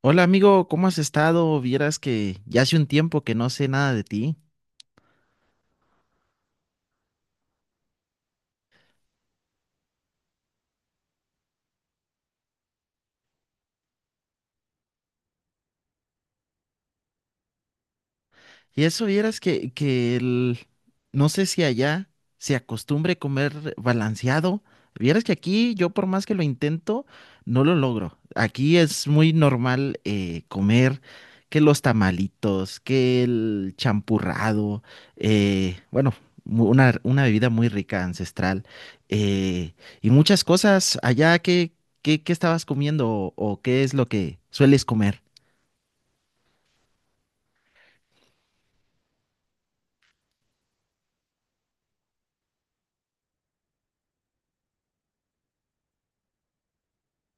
Hola amigo, ¿cómo has estado? Vieras que ya hace un tiempo que no sé nada de ti. Y eso vieras no sé si allá se acostumbre comer balanceado. Vieras que aquí yo por más que lo intento, no lo logro. Aquí es muy normal comer que los tamalitos, que el champurrado, eh, bueno, una bebida muy rica, ancestral, eh, y muchas cosas allá qué estabas comiendo o qué es lo que sueles comer.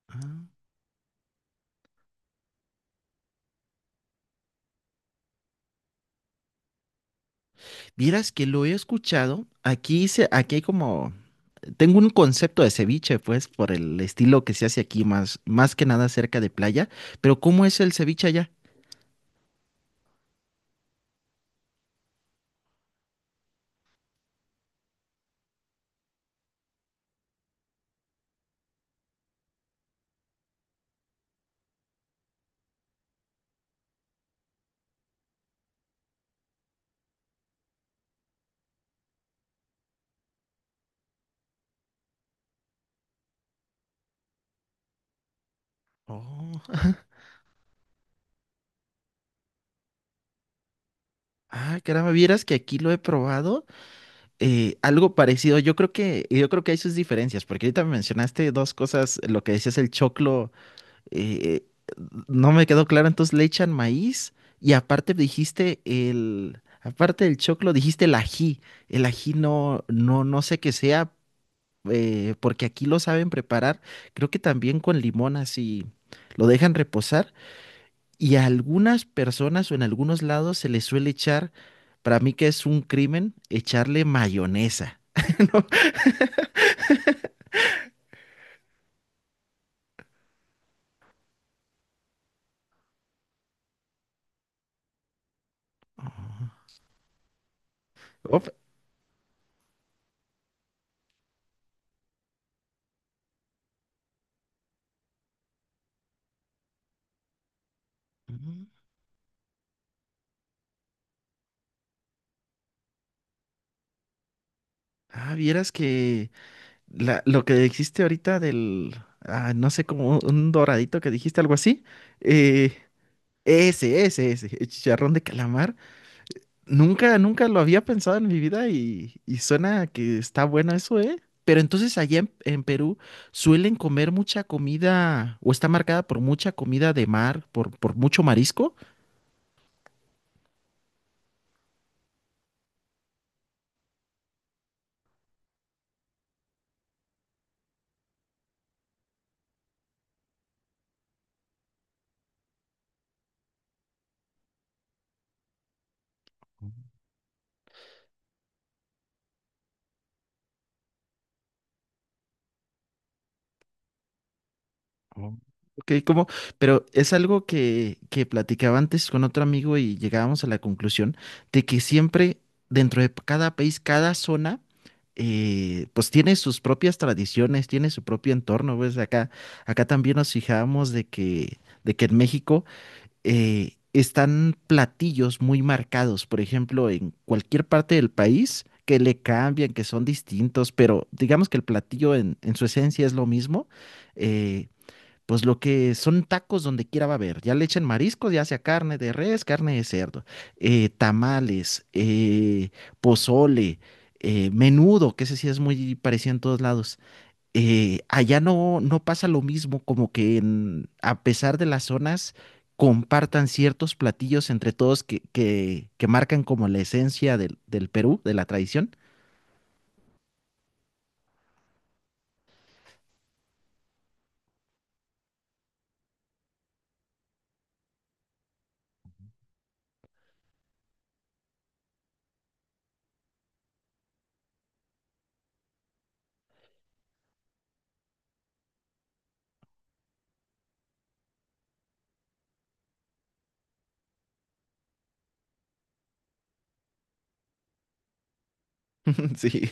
Ah. Vieras que lo he escuchado. Aquí hay como, tengo un concepto de ceviche, pues, por el estilo que se hace aquí, más que nada cerca de playa. Pero ¿cómo es el ceviche allá? Oh. Ah, caramba, vieras que aquí lo he probado, algo parecido. Yo creo que hay sus diferencias, porque ahorita me mencionaste dos cosas, lo que decías el choclo eh, no me quedó claro, entonces le echan maíz y aparte dijiste aparte del choclo, dijiste el ají. El ají no, no, no sé qué sea, porque aquí lo saben preparar, creo que también con limón así lo dejan reposar y a algunas personas o en algunos lados se les suele echar, para mí que es un crimen, echarle mayonesa. Op. Mm. Ah, vieras que... Lo que dijiste ahorita ah, no sé, como un doradito que dijiste, algo así. eh, ese, el chicharrón de calamar. Nunca lo había pensado en mi vida y suena que está bueno eso, ¿eh? Pero entonces allá en Perú suelen comer mucha comida o está marcada por mucha comida de mar, por mucho marisco. Oh. Ok, como, pero es algo que platicaba antes con otro amigo y llegábamos a la conclusión de que siempre dentro de cada país, cada zona, pues tiene sus propias tradiciones, tiene su propio entorno, pues acá, acá también nos fijábamos de que en México están platillos muy marcados, por ejemplo, en cualquier parte del país que le cambian, que son distintos, pero digamos que el platillo en su esencia es lo mismo. eh, pues lo que son tacos donde quiera va a haber. Ya le echan mariscos, ya sea carne de res, carne de cerdo, tamales, pozole, menudo, que ese sí es muy parecido en todos lados. Allá no, no pasa lo mismo, como que a pesar de las zonas, compartan ciertos platillos entre todos que marcan como la esencia del Perú, de la tradición. Sí.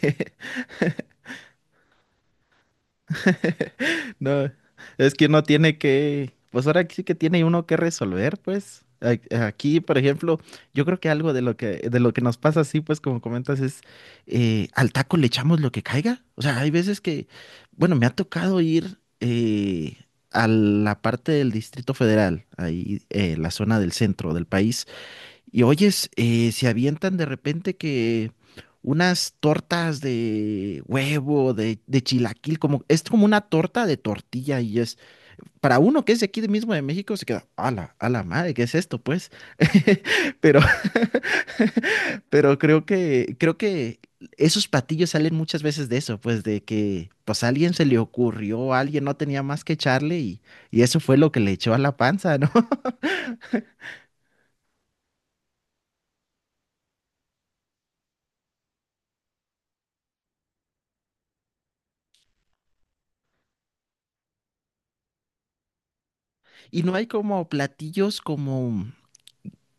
No, es que uno tiene que, pues ahora sí que tiene uno que resolver, pues. A- Aquí, por ejemplo, yo creo que algo de lo que nos pasa así, pues como comentas, es al taco le echamos lo que caiga. O sea, hay veces que, bueno, me ha tocado ir a la parte del Distrito Federal, ahí la zona del centro del país, y oyes, se avientan de repente que unas tortas de huevo, de chilaquil, como, es como una torta de tortilla y es, para uno que es de aquí de mismo de México, se queda, a la madre, ¿qué es esto, pues? Pero, pero creo que esos platillos salen muchas veces de eso, pues de que, pues a alguien se le ocurrió, alguien no tenía más que echarle y eso fue lo que le echó a la panza, ¿no? Y no hay como platillos como...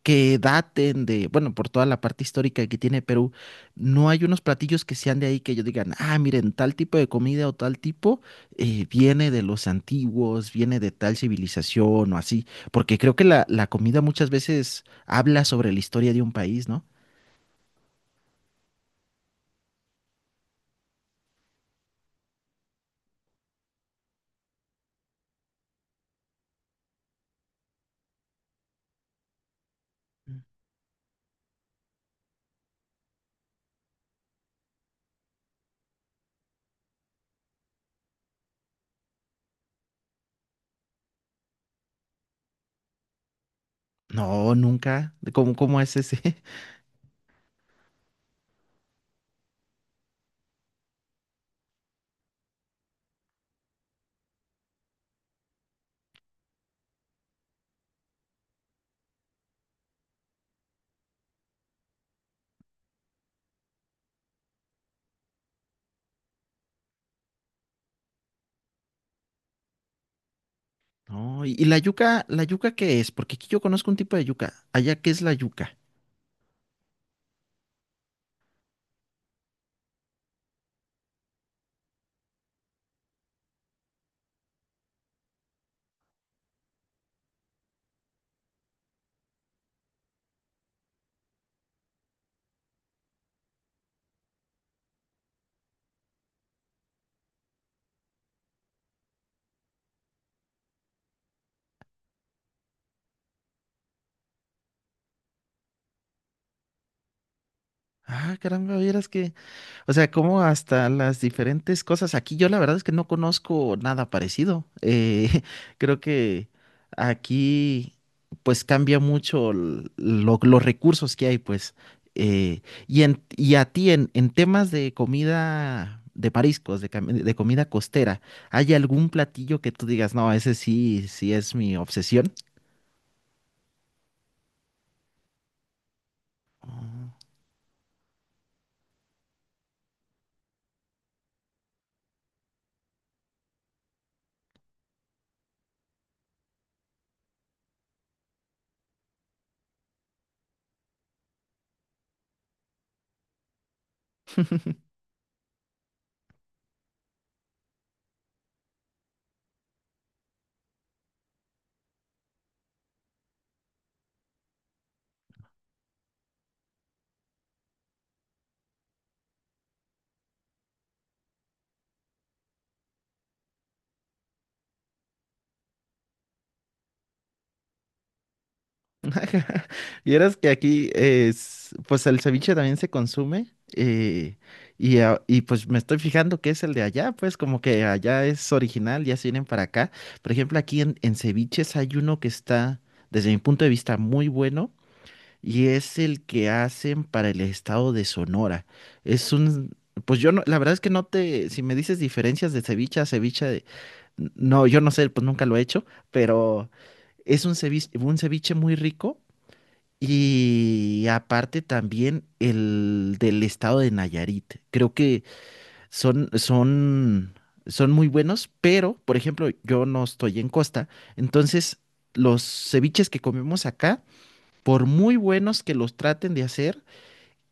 que daten de, bueno, por toda la parte histórica que tiene Perú, no hay unos platillos que sean de ahí que ellos digan, ah, miren, tal tipo de comida o tal tipo viene de los antiguos, viene de tal civilización o así, porque creo que la comida muchas veces habla sobre la historia de un país, ¿no? No, nunca. ¿Cómo, cómo es ese? No, y ¿la yuca qué es? Porque aquí yo conozco un tipo de yuca. Allá, ¿qué es la yuca? Ah, caramba, vieras que... O sea, como hasta las diferentes cosas. Aquí yo la verdad es que no conozco nada parecido. Creo que aquí pues cambia mucho los recursos que hay, pues. Eh, y a ti en temas de comida de mariscos, de comida costera, ¿hay algún platillo que tú digas, no, ese sí, sí es mi obsesión? Y eras que aquí es, pues el ceviche también se consume eh, y pues me estoy fijando que es el de allá, pues como que allá es original, ya se vienen para acá. Por ejemplo, aquí en ceviches hay uno que está, desde mi punto de vista, muy bueno y es el que hacen para el estado de Sonora. Es un, pues yo no, la verdad es que no te, si me dices diferencias de ceviche a ceviche, de- no, yo no sé, pues nunca lo he hecho, pero... Es un ceviche muy rico y aparte también el del estado de Nayarit. Creo que son, son, son muy buenos, pero, por ejemplo, yo no estoy en costa. Entonces, los ceviches que comemos acá, por muy buenos que los traten de hacer,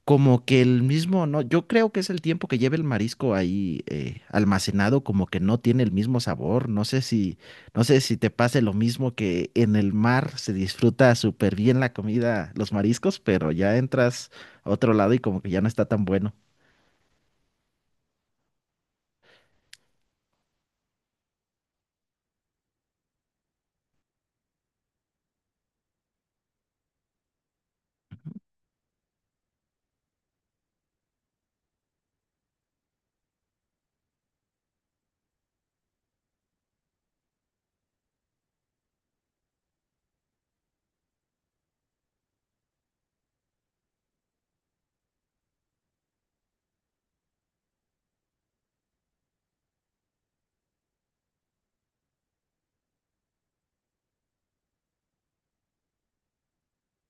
como que el mismo, no, yo creo que es el tiempo que lleva el marisco ahí almacenado, como que no tiene el mismo sabor. No sé si, no sé si te pase lo mismo que en el mar se disfruta súper bien la comida, los mariscos, pero ya entras a otro lado y como que ya no está tan bueno.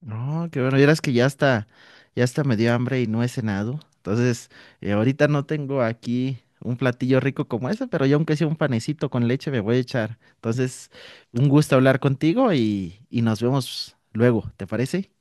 No, qué bueno, vieras que ya está me dio hambre y no he cenado. Entonces, ahorita no tengo aquí un platillo rico como ese, pero yo aunque sea un panecito con leche me voy a echar. Entonces, un gusto hablar contigo y nos vemos luego, ¿te parece?